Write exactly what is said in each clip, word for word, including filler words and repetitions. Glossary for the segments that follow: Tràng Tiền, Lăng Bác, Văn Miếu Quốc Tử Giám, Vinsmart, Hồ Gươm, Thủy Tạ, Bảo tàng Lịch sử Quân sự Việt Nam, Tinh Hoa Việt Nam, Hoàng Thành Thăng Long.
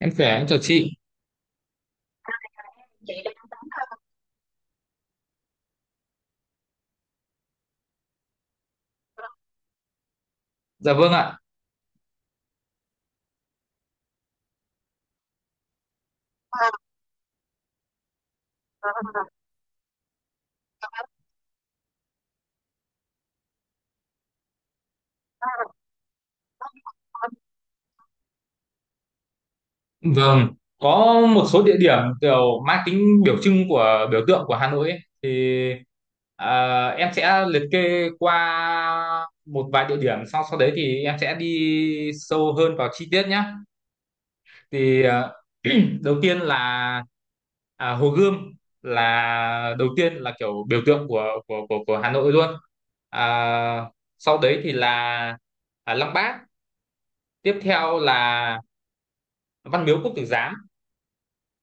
Em khỏe, em chào chị. Dạ vâng ạ. Vâng, có một số địa điểm kiểu mang tính biểu trưng của biểu tượng của Hà Nội ấy, thì à, em sẽ liệt kê qua một vài địa điểm sau sau đấy thì em sẽ đi sâu hơn vào chi tiết nhé. Thì à, đầu tiên là à, Hồ Gươm là đầu tiên là kiểu biểu tượng của của của, của Hà Nội luôn. À, sau đấy thì là à, Lăng Bác, tiếp theo là Văn Miếu Quốc Tử Giám,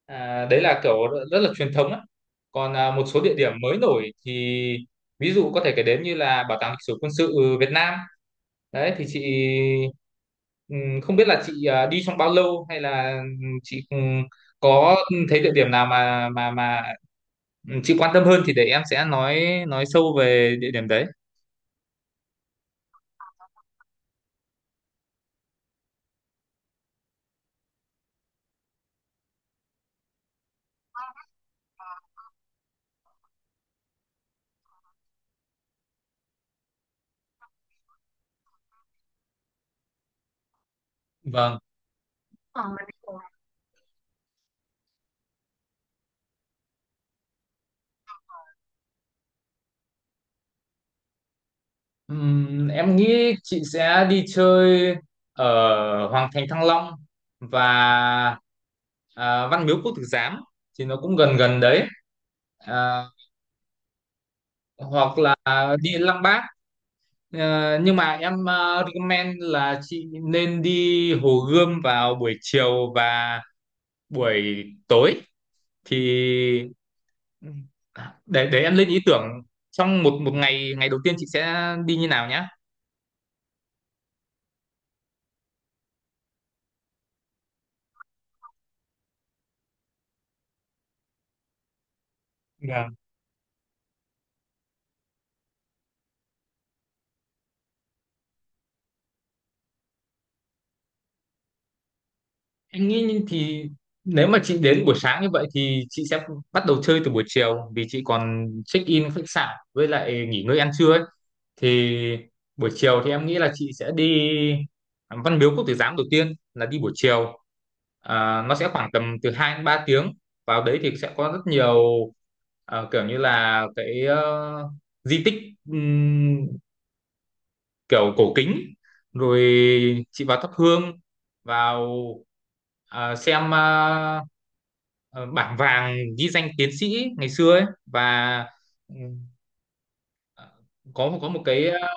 à, đấy là kiểu rất là truyền thống á. còn à, một số địa điểm mới nổi thì ví dụ có thể kể đến như là Bảo tàng Lịch sử Quân sự Việt Nam, đấy thì chị ừm, không biết là chị à, đi trong bao lâu, hay là ừm, chị ừm, có thấy địa điểm nào mà mà mà ừm, chị quan tâm hơn thì để em sẽ nói nói sâu về địa điểm đấy. Vâng. Ờ, Ừm, em nghĩ chị sẽ đi chơi ở Hoàng Thành Thăng Long và à, Văn Miếu Quốc Tử Giám thì nó cũng gần gần đấy. À, hoặc là đi Lăng Bác. Ờ, nhưng mà em ờ, recommend là chị nên đi Hồ Gươm vào buổi chiều và buổi tối, thì để để em lên ý tưởng trong một một ngày ngày đầu tiên chị sẽ đi như nào nhá. Anh nghĩ thì nếu mà chị đến buổi sáng như vậy thì chị sẽ bắt đầu chơi từ buổi chiều vì chị còn check in khách sạn với lại nghỉ ngơi ăn trưa ấy. Thì buổi chiều thì em nghĩ là chị sẽ đi Văn Miếu Quốc Tử Giám đầu tiên, là đi buổi chiều. À, nó sẽ khoảng tầm từ hai đến ba tiếng. Vào đấy thì sẽ có rất nhiều ờ, kiểu như là cái ờ, di tích kiểu cổ kính, rồi chị vào thắp hương, vào à, xem à, ờ, bảng vàng ghi danh tiến sĩ ngày xưa ấy, và ừ, có có một cái, à,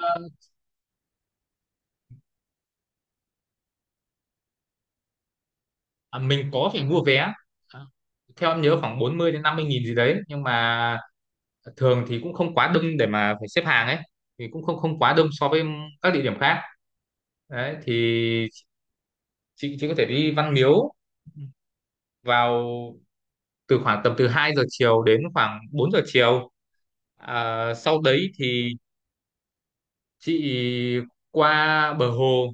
à, mình có phải mua vé. À, theo em nhớ khoảng bốn mươi đến năm mươi nghìn gì đấy, nhưng mà thường thì cũng không quá đông để mà phải xếp hàng ấy, thì cũng không không quá đông so với các địa điểm khác. Đấy thì chị chị có thể đi Văn Miếu vào từ khoảng tầm từ hai giờ chiều đến khoảng bốn giờ chiều. À, sau đấy thì chị qua bờ hồ,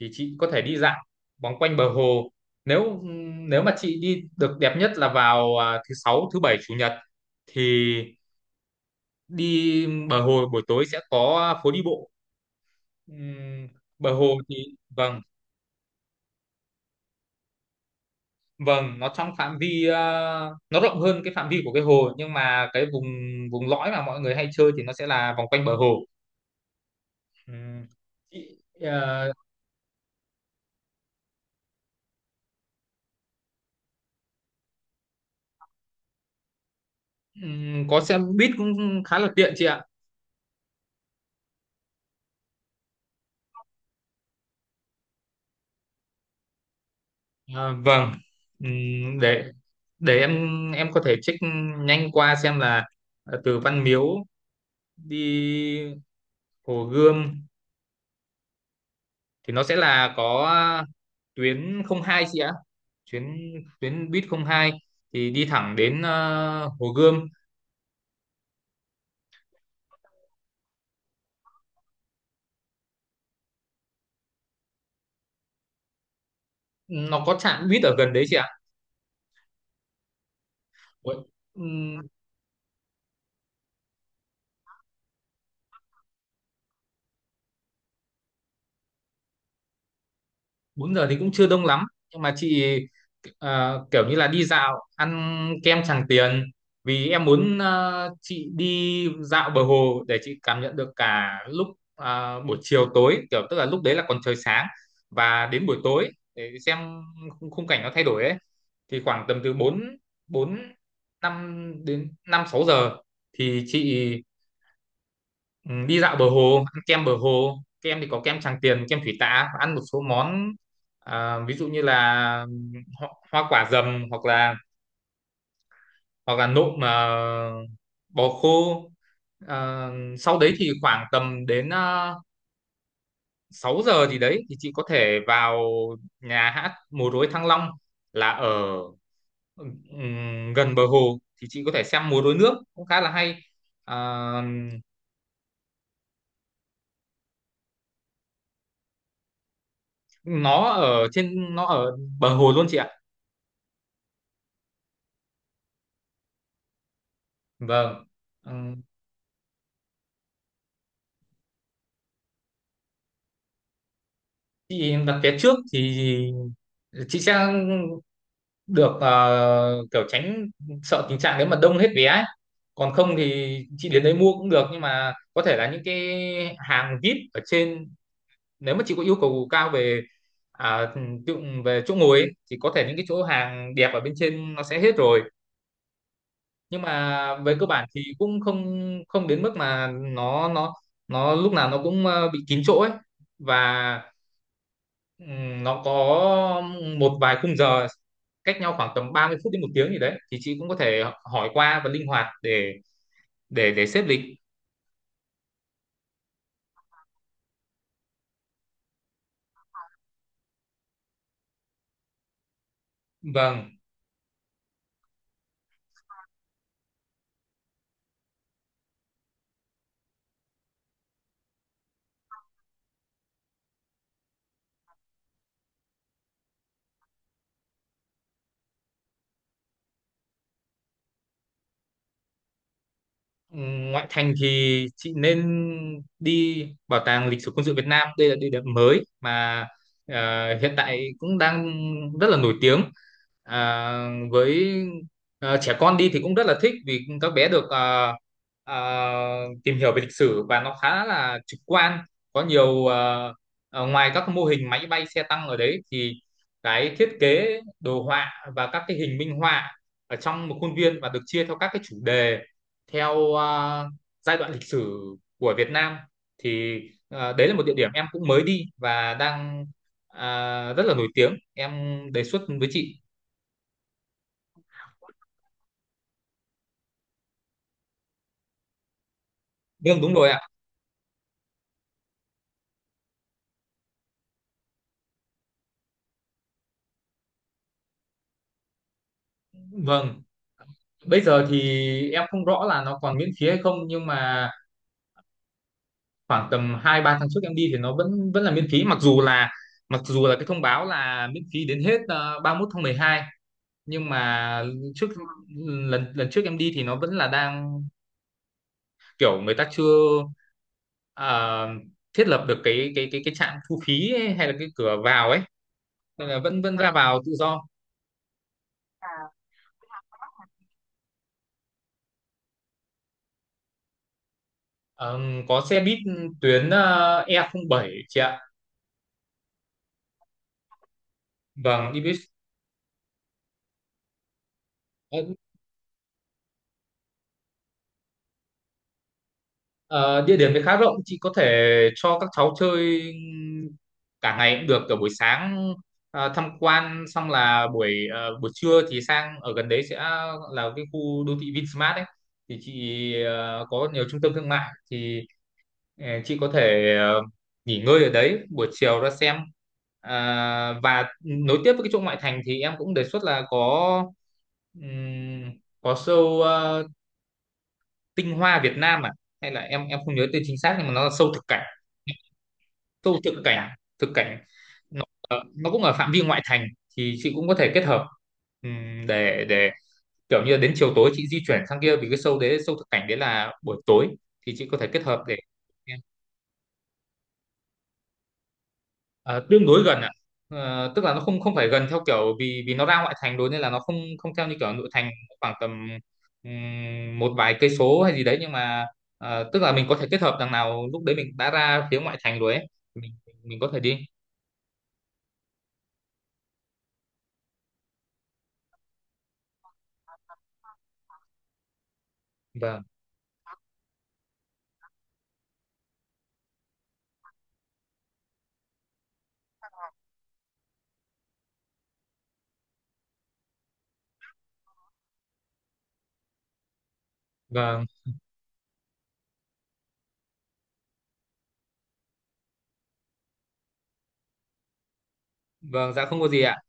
thì chị có thể đi dạo vòng quanh bờ hồ. Nếu nếu mà chị đi, được đẹp nhất là vào à, thứ sáu, thứ bảy, chủ nhật thì đi bờ hồ buổi tối sẽ có phố đi bộ. Ừm, bờ hồ thì, vâng, vâng, nó trong phạm vi, à, nó rộng hơn cái phạm vi của cái hồ, nhưng mà cái vùng vùng lõi mà mọi người hay chơi thì nó sẽ là vòng quanh bờ hồ. Ừ. Chị ờ, ừm, có xe buýt cũng khá là tiện chị ạ. Ờ, vâng. Ừm, để để em em có thể check nhanh qua xem là ờ, từ Văn Miếu đi Hồ Gươm thì nó sẽ là có tuyến không hai chị ạ. Tuyến tuyến buýt không hai thì đi thẳng đến ờ, Hồ Gươm. Nó có trạm buýt ở gần đấy chị ạ. Ủa, ừm, bốn giờ thì cũng chưa đông lắm, nhưng mà chị ờ, kiểu như là đi dạo, ăn kem Tràng Tiền, vì em muốn ờ, chị đi dạo bờ hồ để chị cảm nhận được cả lúc ờ, buổi chiều tối, kiểu tức là lúc đấy là còn trời sáng và đến buổi tối để xem khung khung cảnh nó thay đổi ấy. Thì khoảng tầm từ bốn bốn năm đến năm sáu giờ thì chị, ừ, đi dạo bờ hồ, ăn kem bờ hồ, kem thì có kem Tràng Tiền, kem Thủy Tạ, và ăn một số món, à, ví dụ như là, ừ, ho hoa quả dầm, hoặc là hoặc là nộm mà bò khô. Ờ, sau đấy thì khoảng tầm đến uh, sáu giờ gì đấy thì chị có thể vào nhà hát múa rối Thăng Long, là ở ừm, gần bờ hồ, thì chị có thể xem múa rối nước cũng khá là hay. Ờ, nó ở trên nó ở bờ hồ luôn chị ạ. Vâng. Ừ, chị đặt vé trước thì chị sẽ được ờ, kiểu tránh, sợ tình trạng nếu mà đông hết vé ấy. Còn không thì chị đến đấy mua cũng được, nhưng mà có thể là những cái hàng vi ai pi ở trên, nếu mà chị có yêu cầu cao về à, tự, về chỗ ngồi ấy, thì có thể những cái chỗ hàng đẹp ở bên trên nó sẽ hết rồi. Nhưng mà về cơ bản thì cũng không không đến mức mà nó nó nó lúc nào nó cũng ờ, bị kín chỗ ấy, và Ừm, nó có một vài khung giờ cách nhau khoảng tầm ba mươi phút đến một tiếng gì đấy, thì chị cũng có thể hỏi qua và linh hoạt để để để xếp lịch. Vâng. Ngoại thành thì chị nên đi Bảo tàng Lịch sử Quân sự Việt Nam. Đây là địa điểm mới mà ờ, hiện tại cũng đang rất là nổi tiếng. À, với ờ, trẻ con đi thì cũng rất là thích, vì các bé được ờ, ờ, tìm hiểu về lịch sử và nó khá là trực quan. Có nhiều ờ, ờ, ngoài các mô hình máy bay, xe tăng ở đấy thì cái thiết kế đồ họa và các cái hình minh họa ở trong một khuôn viên và được chia theo các cái chủ đề, theo à, giai đoạn lịch sử của Việt Nam, thì à, đấy là một địa điểm em cũng mới đi và đang à, rất là nổi tiếng, em đề xuất với chị. Vâng, đúng rồi ạ. Vâng, bây giờ thì em không rõ là nó còn miễn phí hay không, nhưng mà khoảng tầm hai ba tháng trước em đi thì nó vẫn vẫn là miễn phí, mặc dù là mặc dù là cái thông báo là miễn phí đến hết ờ, ba mươi ba mươi mốt tháng mười hai. Nhưng mà trước lần lần trước em đi thì nó vẫn là đang kiểu người ta chưa à, thiết lập được cái cái cái cái trạm thu phí ấy, hay là cái cửa vào ấy, nên là vẫn vẫn ra vào tự do. Ờ, có xe buýt tuyến ờ, e không bảy chị ạ. Vâng, đi buýt. Ờ, ờ, Địa điểm thì khá rộng, chị có thể cho các cháu chơi cả ngày cũng được, cả buổi sáng ờ, tham quan xong là buổi ờ, buổi trưa thì sang ở gần đấy, sẽ là cái khu đô thị Vinsmart ấy, thì chị ờ, có nhiều trung tâm thương mại thì, Ờ, chị có thể ờ, nghỉ ngơi ở đấy, buổi chiều ra xem, à, và nối tiếp với cái chỗ ngoại thành thì em cũng đề xuất là có ừm, có show ờ, Tinh Hoa Việt Nam, à hay là, em em không nhớ tên chính xác, nhưng mà nó là show thực cảnh show thực cảnh thực cảnh nó, ờ, nó cũng ở phạm vi ngoại thành, thì chị cũng có thể kết hợp. Ừm, để để kiểu như là đến chiều tối chị di chuyển sang kia, vì cái show đấy, show thực cảnh đấy là buổi tối, thì chị có thể kết hợp để. À, tương đối gần ạ. à? Tức là nó không không phải gần theo kiểu, vì vì nó ra ngoại thành rồi, nên là nó không không theo như kiểu nội thành, khoảng tầm ừm, một vài cây số hay gì đấy, nhưng mà à, tức là mình có thể kết hợp, đằng nào lúc đấy mình đã ra phía ngoại thành rồi ấy, mình mình có thể đi. Vâng, vâng. Vâng, dạ không có gì ạ.